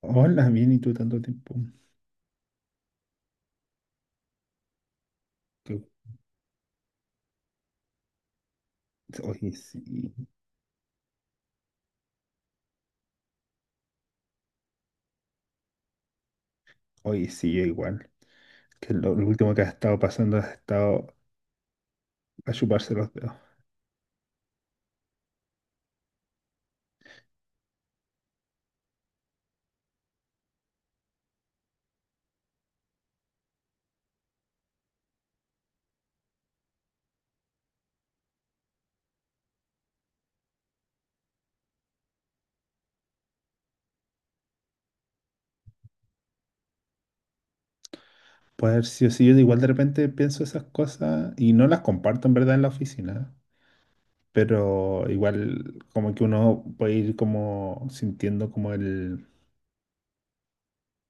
Hola, bien, ¿y tú tanto tiempo? Que- Oye, sí, oye, sí, yo igual. Que lo último que ha estado pasando ha estado a chuparse los dedos. Puede haber sido así, yo igual de repente pienso esas cosas y no las comparto en verdad en la oficina, pero igual como que uno puede ir como sintiendo como el,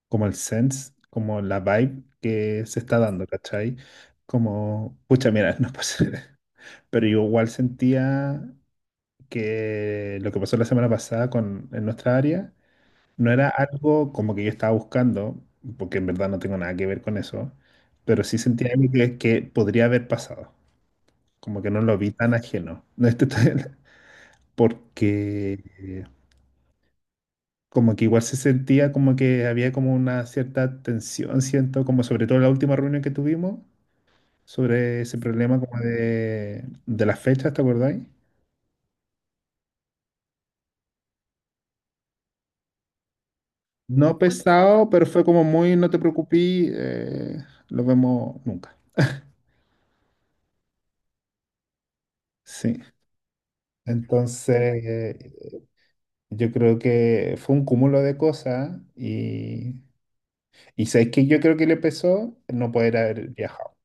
como el sense, como la vibe que se está dando, ¿cachai? Como, pucha, mira, no pasa. Pero yo igual sentía que lo que pasó la semana pasada en nuestra área no era algo como que yo estaba buscando, porque en verdad no tengo nada que ver con eso, pero sí sentía algo que podría haber pasado, como que no lo vi tan ajeno. No, esto está- Porque eh, como que igual se sentía como que había como una cierta tensión, siento, como sobre todo en la última reunión que tuvimos, sobre ese problema como de las fechas, ¿te acordáis? No pesado, pero fue como muy, no te preocupes, eh, lo vemos nunca. Sí. Entonces, yo creo que fue un cúmulo de cosas, y ¿sabes qué? Yo creo que le pesó no poder haber viajado.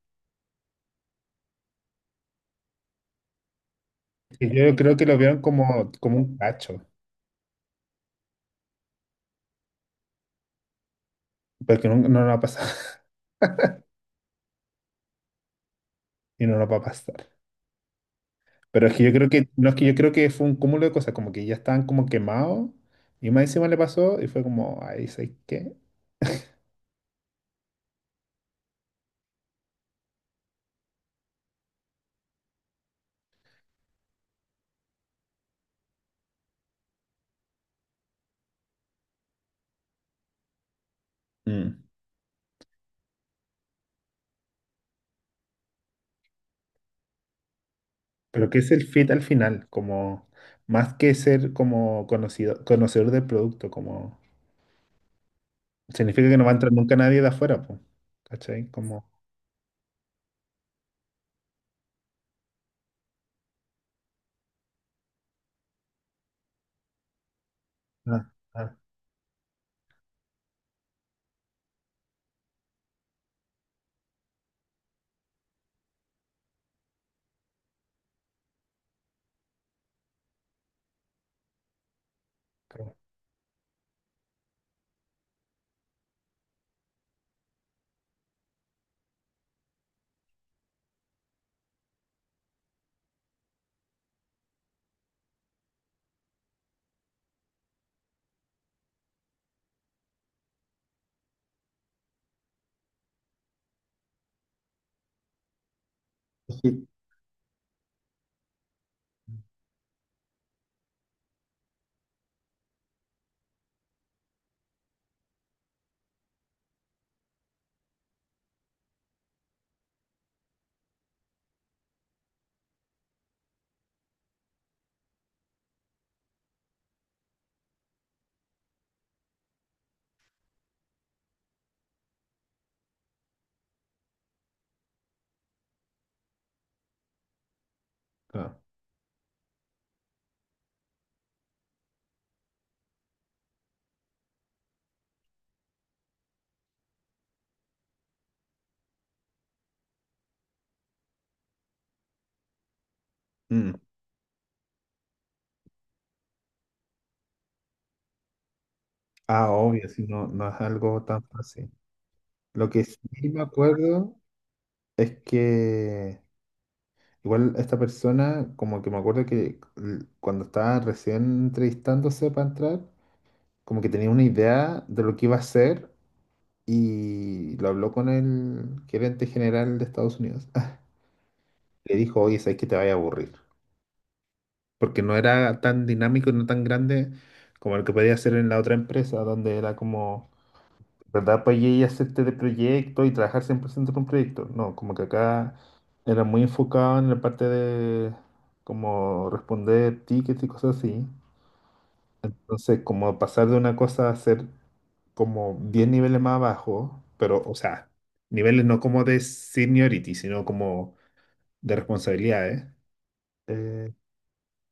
Y yo creo que lo vieron como un cacho, porque no, no nos va a pasar, y no nos va a pasar. Pero es que yo creo que, no es que yo creo que fue un cúmulo de cosas, como que ya estaban como quemados y más encima le pasó y fue como, ay, ¿sabes qué? Mm. Pero ¿qué es el fit al final? Como más que ser como conocido, conocedor del producto, como significa que no va a entrar nunca nadie de afuera, pues. ¿Cachai? Como, ah, ah, como fit, claro. Mm. Ah, obvio, si no, no es algo tan fácil. Lo que sí me acuerdo es que igual esta persona, como que me acuerdo que cuando estaba recién entrevistándose para entrar, como que tenía una idea de lo que iba a hacer y lo habló con el gerente general de Estados Unidos. Le dijo, oye, sabes que te vaya a aburrir, porque no era tan dinámico y no tan grande como el que podía hacer en la otra empresa, donde era como, ¿verdad? Pues y hacerte de proyecto y trabajar 100% con un proyecto. No, como que acá era muy enfocado en la parte de como responder tickets y cosas así. Entonces, como pasar de una cosa a hacer como 10 niveles más abajo, pero, o sea, niveles no como de seniority, sino como de responsabilidades. eh,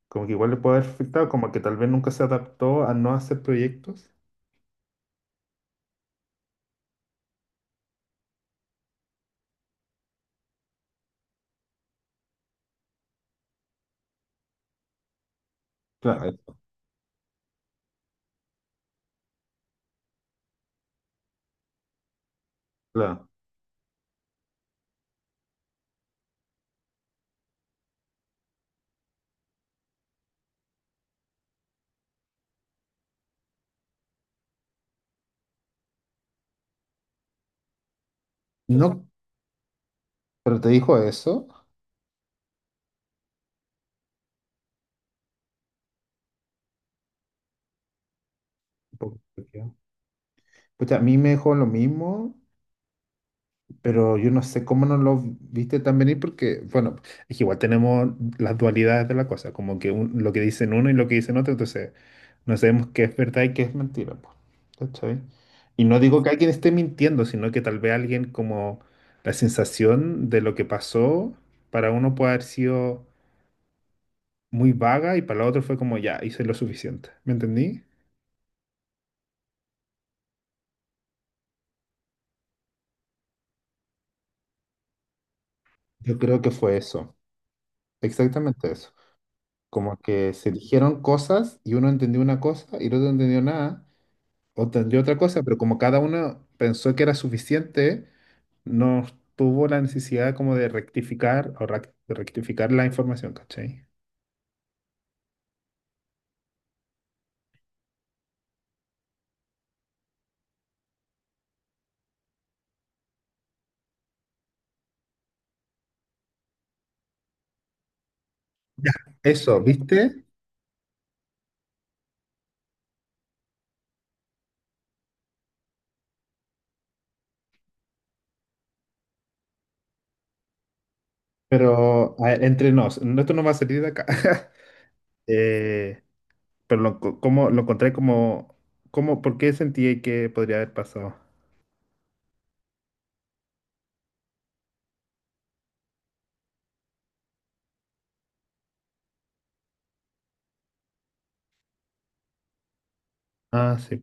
Como que igual le puede haber afectado, como que tal vez nunca se adaptó a no hacer proyectos. Claro, eso, claro. No, pero te dijo eso. Un poco complicado. Pucha, a mí me dejó lo mismo. Pero yo no sé cómo no lo viste tan venir porque, bueno, es que igual tenemos las dualidades de la cosa, como que lo que dicen uno y lo que dicen otro, entonces no sabemos qué es verdad y qué es mentira, po, ¿cachai? Y no digo que alguien esté mintiendo, sino que tal vez alguien como la sensación de lo que pasó para uno puede haber sido muy vaga y para la otro fue como ya, hice lo suficiente, ¿me entendí? Yo creo que fue eso, exactamente eso. Como que se dijeron cosas y uno entendió una cosa y el otro no entendió nada. Otra, de otra cosa, pero como cada uno pensó que era suficiente, no tuvo la necesidad como de rectificar de rectificar la información, ¿cachai? Ya. Eso, ¿viste? Pero a ver, entre nos, no, esto no va a salir de acá. Eh, pero como, lo encontré como, ¿por qué sentí que podría haber pasado? Ah, sí.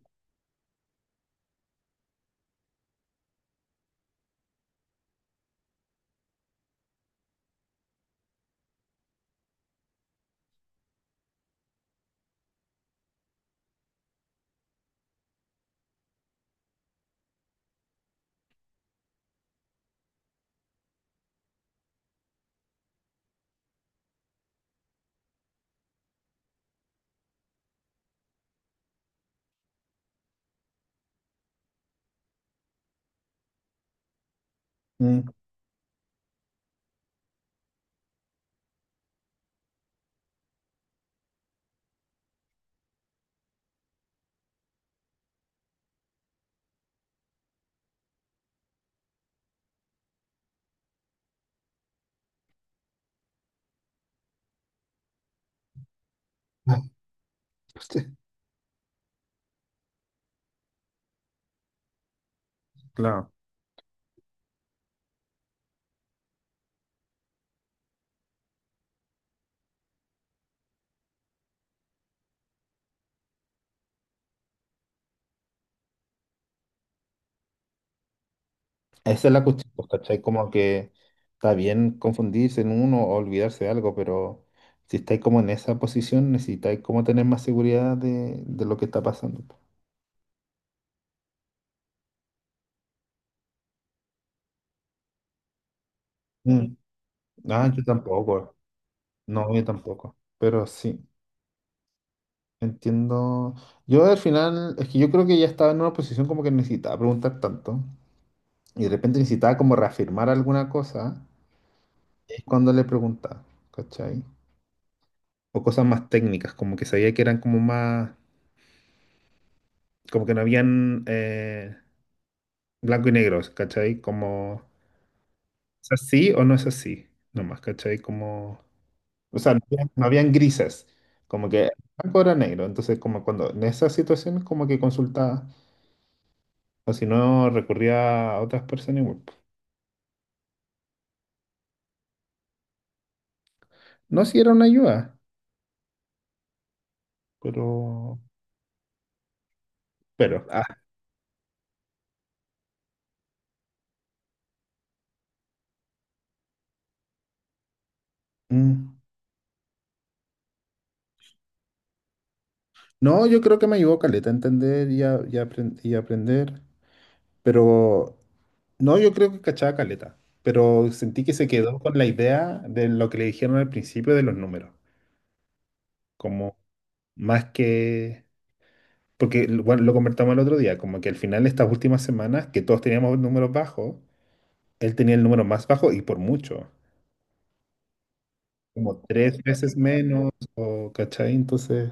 Mm. Ah, sí, claro. Esa es la cuestión, pues, ¿cachai? Como que está bien confundirse en uno o olvidarse de algo, pero si estáis como en esa posición, necesitáis como tener más seguridad de lo que está pasando, po. Mm. Ah, yo tampoco, no, yo tampoco, pero sí, entiendo. Yo al final, es que yo creo que ya estaba en una posición como que necesitaba preguntar tanto y de repente necesitaba como reafirmar alguna cosa, es cuando le preguntaba, ¿cachai? O cosas más técnicas, como que sabía que eran como más, como que no habían, blanco y negro, ¿cachai? Como, ¿es así o no es así? Nomás, ¿cachai? Como, o sea, no habían grises, como que blanco era negro, entonces como cuando en esas situaciones como que consultaba, o si no recurría a otras personas igual, po. No si era una ayuda, pero, pero, ah, mm. No, yo creo que me ayudó Caleta a entender y a aprender. Pero no, yo creo que cachaba caleta, pero sentí que se quedó con la idea de lo que le dijeron al principio de los números, como más que, porque bueno, lo convertamos el otro día, como que al final estas últimas semanas, que todos teníamos números bajos, él tenía el número más bajo y por mucho, como tres veces menos, o cachai, entonces,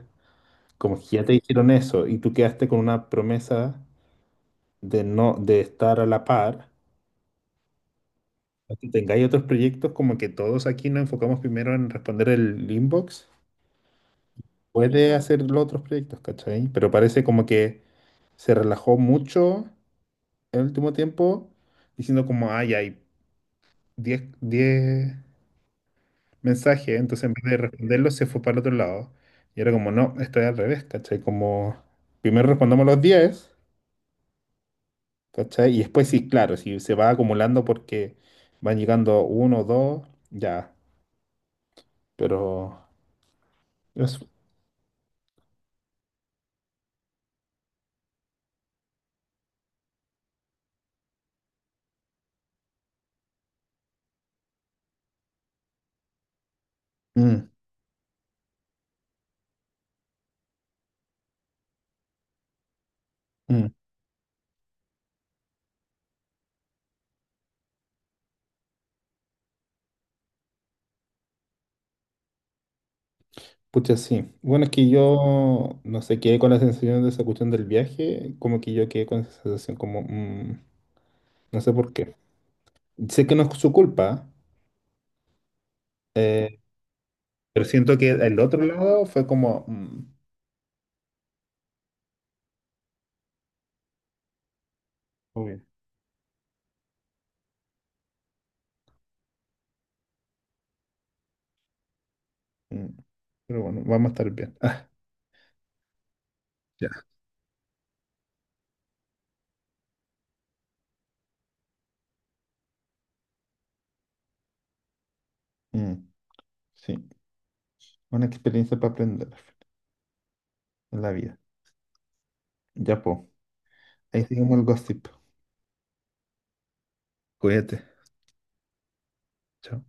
como que ya te dijeron eso y tú quedaste con una promesa de no, de estar a la par, que tengáis otros proyectos, como que todos aquí nos enfocamos primero en responder el inbox, puede hacer los otros proyectos, ¿cachai? Pero parece como que se relajó mucho el último tiempo, diciendo como, ay, hay diez mensajes, entonces en vez de responderlos se fue para el otro lado. Y era como, no, estoy al revés, ¿cachai? Como, primero respondamos los 10, ¿cachai? Y después sí, claro, si se va acumulando porque van llegando uno o dos, ya, pero... Eso. Mm, mm. Pucha, sí. Bueno, es que yo no sé, quedé con la sensación de esa cuestión del viaje, como que yo quedé con esa sensación como, mm, no sé por qué. Sé que no es su culpa, eh, pero siento que el otro lado fue como, mm, obvio, mm, pero bueno, vamos a estar bien. Ah, ya. Mm, sí, una experiencia para aprender en la vida. Ya, po. Ahí seguimos el gossip. Cuídate. Chao.